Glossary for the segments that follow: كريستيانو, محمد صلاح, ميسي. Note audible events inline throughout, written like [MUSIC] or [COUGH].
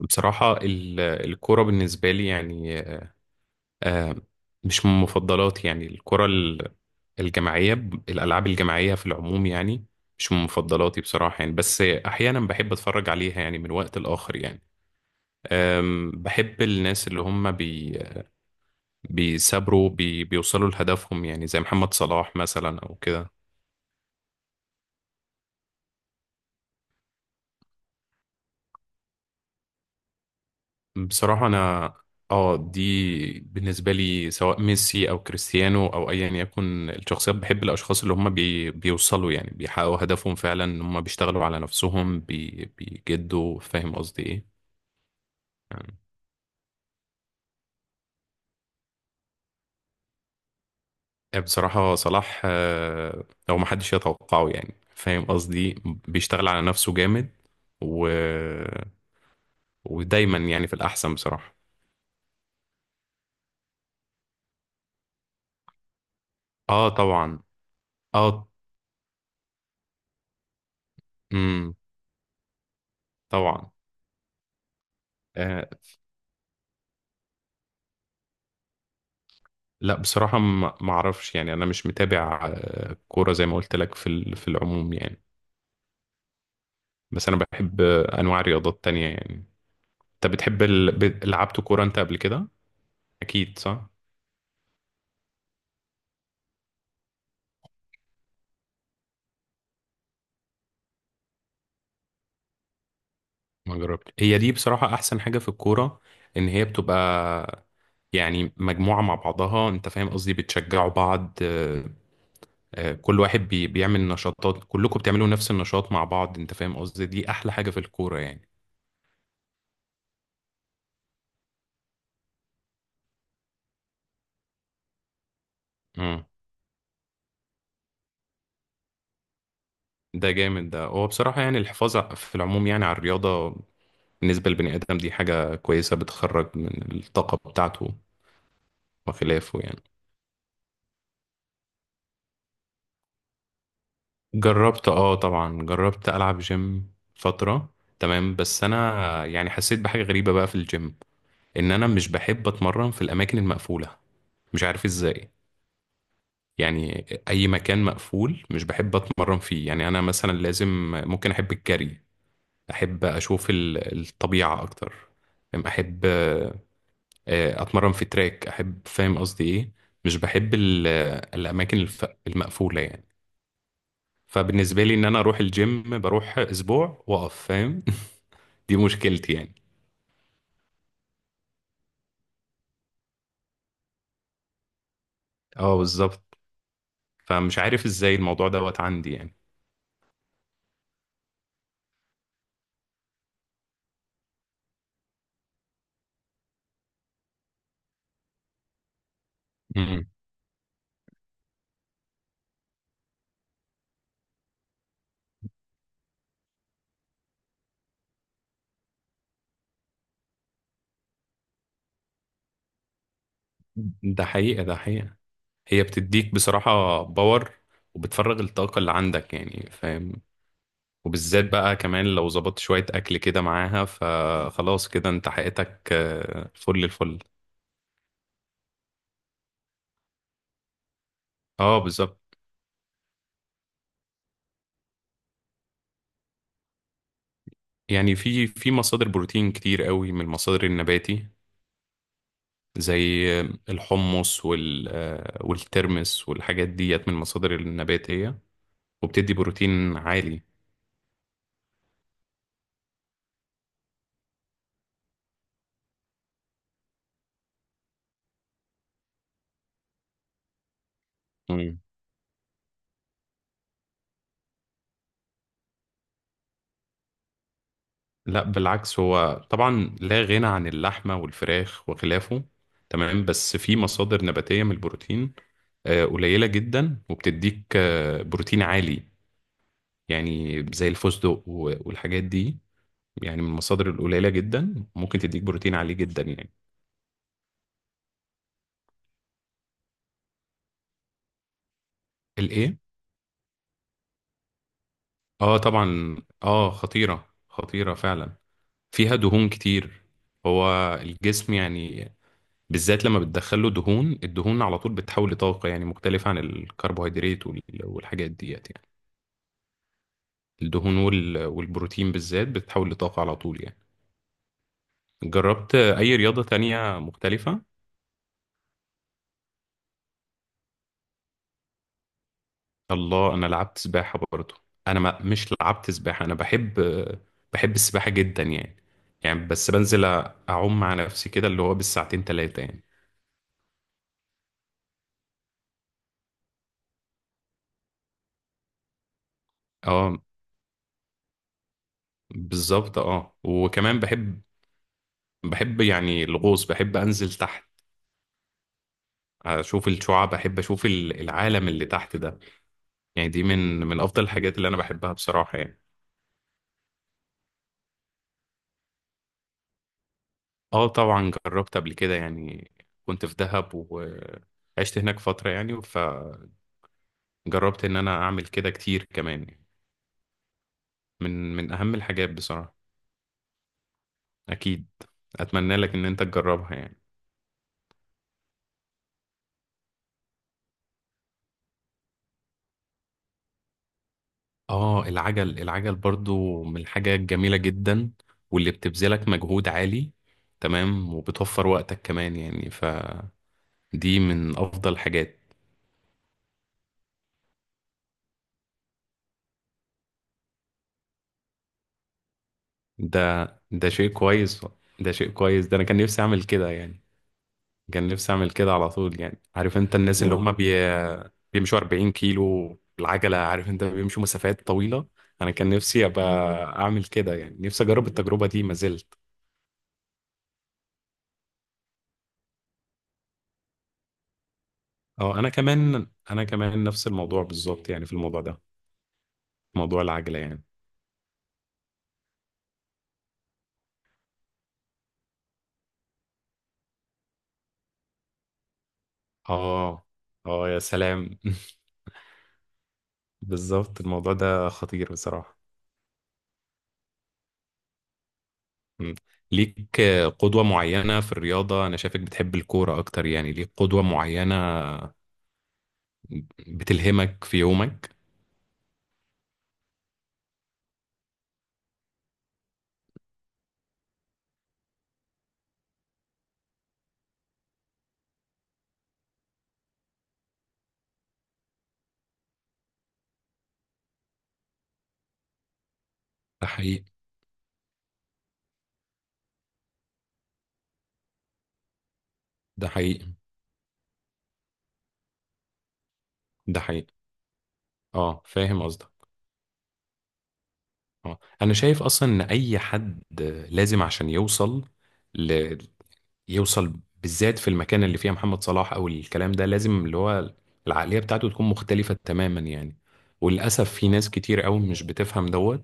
بصراحة الكرة بالنسبة لي يعني آه، مش من مفضلاتي يعني الجماعية. الألعاب الجماعية في العموم يعني مش من مفضلاتي بصراحة يعني، بس أحيانا بحب أتفرج عليها يعني من وقت لآخر يعني. بحب الناس اللي هم بيثابروا بيوصلوا لهدفهم، يعني زي محمد صلاح مثلا أو كده. بصراحة أنا اه دي بالنسبة لي سواء ميسي أو كريستيانو أو أيا يكن الشخصيات، بحب الأشخاص اللي هم بي بيوصلوا، يعني بيحققوا هدفهم فعلا، إن هم بيشتغلوا على نفسهم بي بيجدوا، فاهم قصدي إيه؟ يعني بصراحة صلاح، هو ما حدش يتوقعه يعني، فاهم قصدي إيه؟ بيشتغل على نفسه جامد و... ودايما يعني في الأحسن بصراحة. اه طبعا، اه، امم، طبعا. آه، لا بصراحة ما اعرفش يعني، انا مش متابع كورة زي ما قلت لك في العموم يعني. بس انا بحب انواع رياضات تانية يعني. انت بتحب لعبت كورة انت قبل كده؟ اكيد صح. ما جربت، هي دي بصراحة احسن حاجة في الكورة، ان هي بتبقى يعني مجموعة مع بعضها، انت فاهم قصدي، بتشجعوا بعض، كل واحد بيعمل نشاطات، كلكم بتعملوا نفس النشاط مع بعض، انت فاهم قصدي؟ دي احلى حاجة في الكورة يعني. ده جامد، ده هو بصراحة يعني الحفاظ في العموم يعني على الرياضة بالنسبة للبني آدم، دي حاجة كويسة، بتخرج من الطاقة بتاعته وخلافه يعني. جربت اه، طبعا جربت ألعب جيم فترة، تمام، بس أنا يعني حسيت بحاجة غريبة بقى في الجيم، إن أنا مش بحب أتمرن في الأماكن المقفولة، مش عارف إزاي. يعني أي مكان مقفول مش بحب أتمرن فيه، يعني أنا مثلا لازم ممكن أحب الجري، أحب أشوف الطبيعة أكتر، أحب اتمرن في تراك، احب، فاهم قصدي ايه؟ مش بحب الاماكن المقفوله يعني. فبالنسبه لي ان انا اروح الجيم، بروح اسبوع واقف، فاهم؟ [LAUGHS] دي مشكلتي يعني. اه بالظبط، فمش عارف ازاي الموضوع دوت عندي يعني. مم. ده حقيقه، ده حقيقه. هي بتديك بصراحه باور، وبتفرغ الطاقه اللي عندك يعني، فاهم؟ وبالذات بقى كمان لو ظبطت شويه اكل كده معاها، فخلاص كده انت حقيقتك فل الفل. اه بالظبط. يعني في مصادر بروتين كتير قوي من المصادر النباتي، زي الحمص والترمس والحاجات ديت، من المصادر النباتية وبتدي بروتين عالي. مم. لا بالعكس، هو طبعا لا غنى عن اللحمة والفراخ وخلافه، تمام، بس في مصادر نباتية من البروتين قليلة جدا، وبتديك بروتين عالي يعني، زي الفستق والحاجات دي يعني، من المصادر القليلة جدا ممكن تديك بروتين عالي جدا يعني. الايه؟ اه طبعا. اه خطيرة، خطيرة فعلا، فيها دهون كتير. هو الجسم يعني بالذات لما بتدخله دهون، الدهون على طول بتتحول لطاقة يعني، مختلفة عن الكربوهيدرات والحاجات ديت يعني. الدهون والبروتين بالذات بتتحول لطاقة على طول يعني. جربت أي رياضة تانية مختلفة؟ الله، أنا لعبت سباحة برضه. أنا ما مش لعبت سباحة، أنا بحب، بحب السباحة جدا يعني. يعني بس بنزل أعوم مع نفسي كده، اللي هو بالساعتين تلاتة يعني. اه بالظبط. اه وكمان بحب، يعني الغوص، بحب انزل تحت، اشوف الشعاب، بحب اشوف العالم اللي تحت ده يعني. دي من افضل الحاجات اللي انا بحبها بصراحة يعني. اه طبعا جربت قبل كده يعني، كنت في دهب وعشت هناك فترة، يعني فجربت ان انا اعمل كده كتير كمان يعني. من اهم الحاجات بصراحة. اكيد، اتمنى لك ان انت تجربها يعني. اه العجل، العجل برضو من الحاجة الجميلة جدا، واللي بتبذلك مجهود عالي، تمام، وبتوفر وقتك كمان يعني، فدي من أفضل الحاجات. ده، ده شيء كويس، ده شيء كويس، ده أنا كان نفسي أعمل كده يعني، كان نفسي أعمل كده على طول يعني، عارف أنت الناس اللي هم بيمشوا 40 كيلو بالعجلة، عارف أنت بيمشوا مسافات طويلة. أنا كان نفسي أبقى أعمل كده يعني، نفسي أجرب التجربة دي ما زلت. اه، أنا كمان، أنا كمان نفس الموضوع بالظبط يعني في الموضوع ده، موضوع العجلة يعني. اه اه، يا سلام. [LAUGHS] بالظبط، الموضوع ده خطير بصراحة. مم. ليك قدوة معينة في الرياضة؟ أنا شايفك بتحب الكورة أكتر يعني. ليك قدوة معينة بتلهمك في يومك؟ ده حقيقي. ده حقيقي. ده حقيقي. اه فاهم قصدك. اه أنا شايف أصلا إن أي حد لازم عشان يوصل ل... يوصل بالذات في المكان اللي فيها محمد صلاح او الكلام ده، لازم اللي هو العقلية بتاعته تكون مختلفة تماما يعني. وللأسف في ناس كتير قوي مش بتفهم دوت،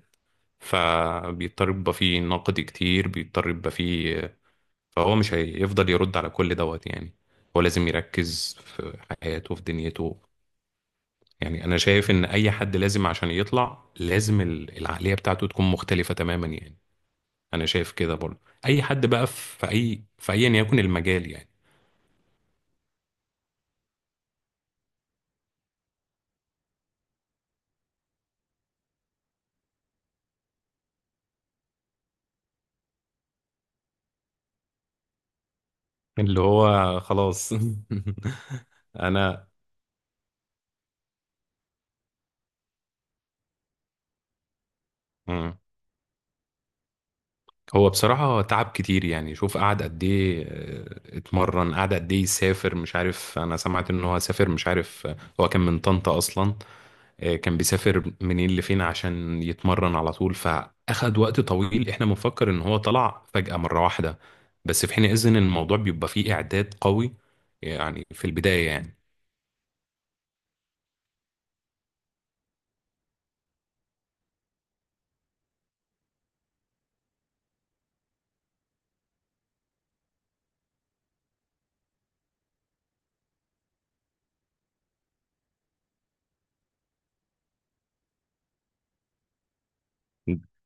فبيضطر يبقى فيه نقد كتير، بيضطر يبقى فيه، فهو مش هيفضل يرد على كل دوت يعني، هو لازم يركز في حياته في دنيته يعني. أنا شايف إن أي حد لازم عشان يطلع، لازم العقلية بتاعته تكون مختلفة تماما يعني. أنا شايف كده برضه، أي حد بقى في أي في أيا يكن المجال يعني. اللي هو خلاص. [LAUGHS] انا، مم. هو بصراحة تعب كتير يعني، شوف قعد قد ايه اتمرن، قعد قد ايه يسافر، مش عارف، انا سمعت ان هو سافر، مش عارف، هو كان من طنطا اصلا، كان بيسافر منين لفين عشان يتمرن على طول، فاخد وقت طويل، احنا بنفكر ان هو طلع فجأة مرة واحدة، بس في حين اذن الموضوع بيبقى فيه اعداد قوي يعني في البداية يعني.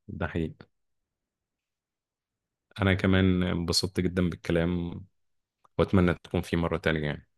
ده حقيقي. انا كمان انبسطت جدا بالكلام، واتمنى تكون في مرة تانية يعني.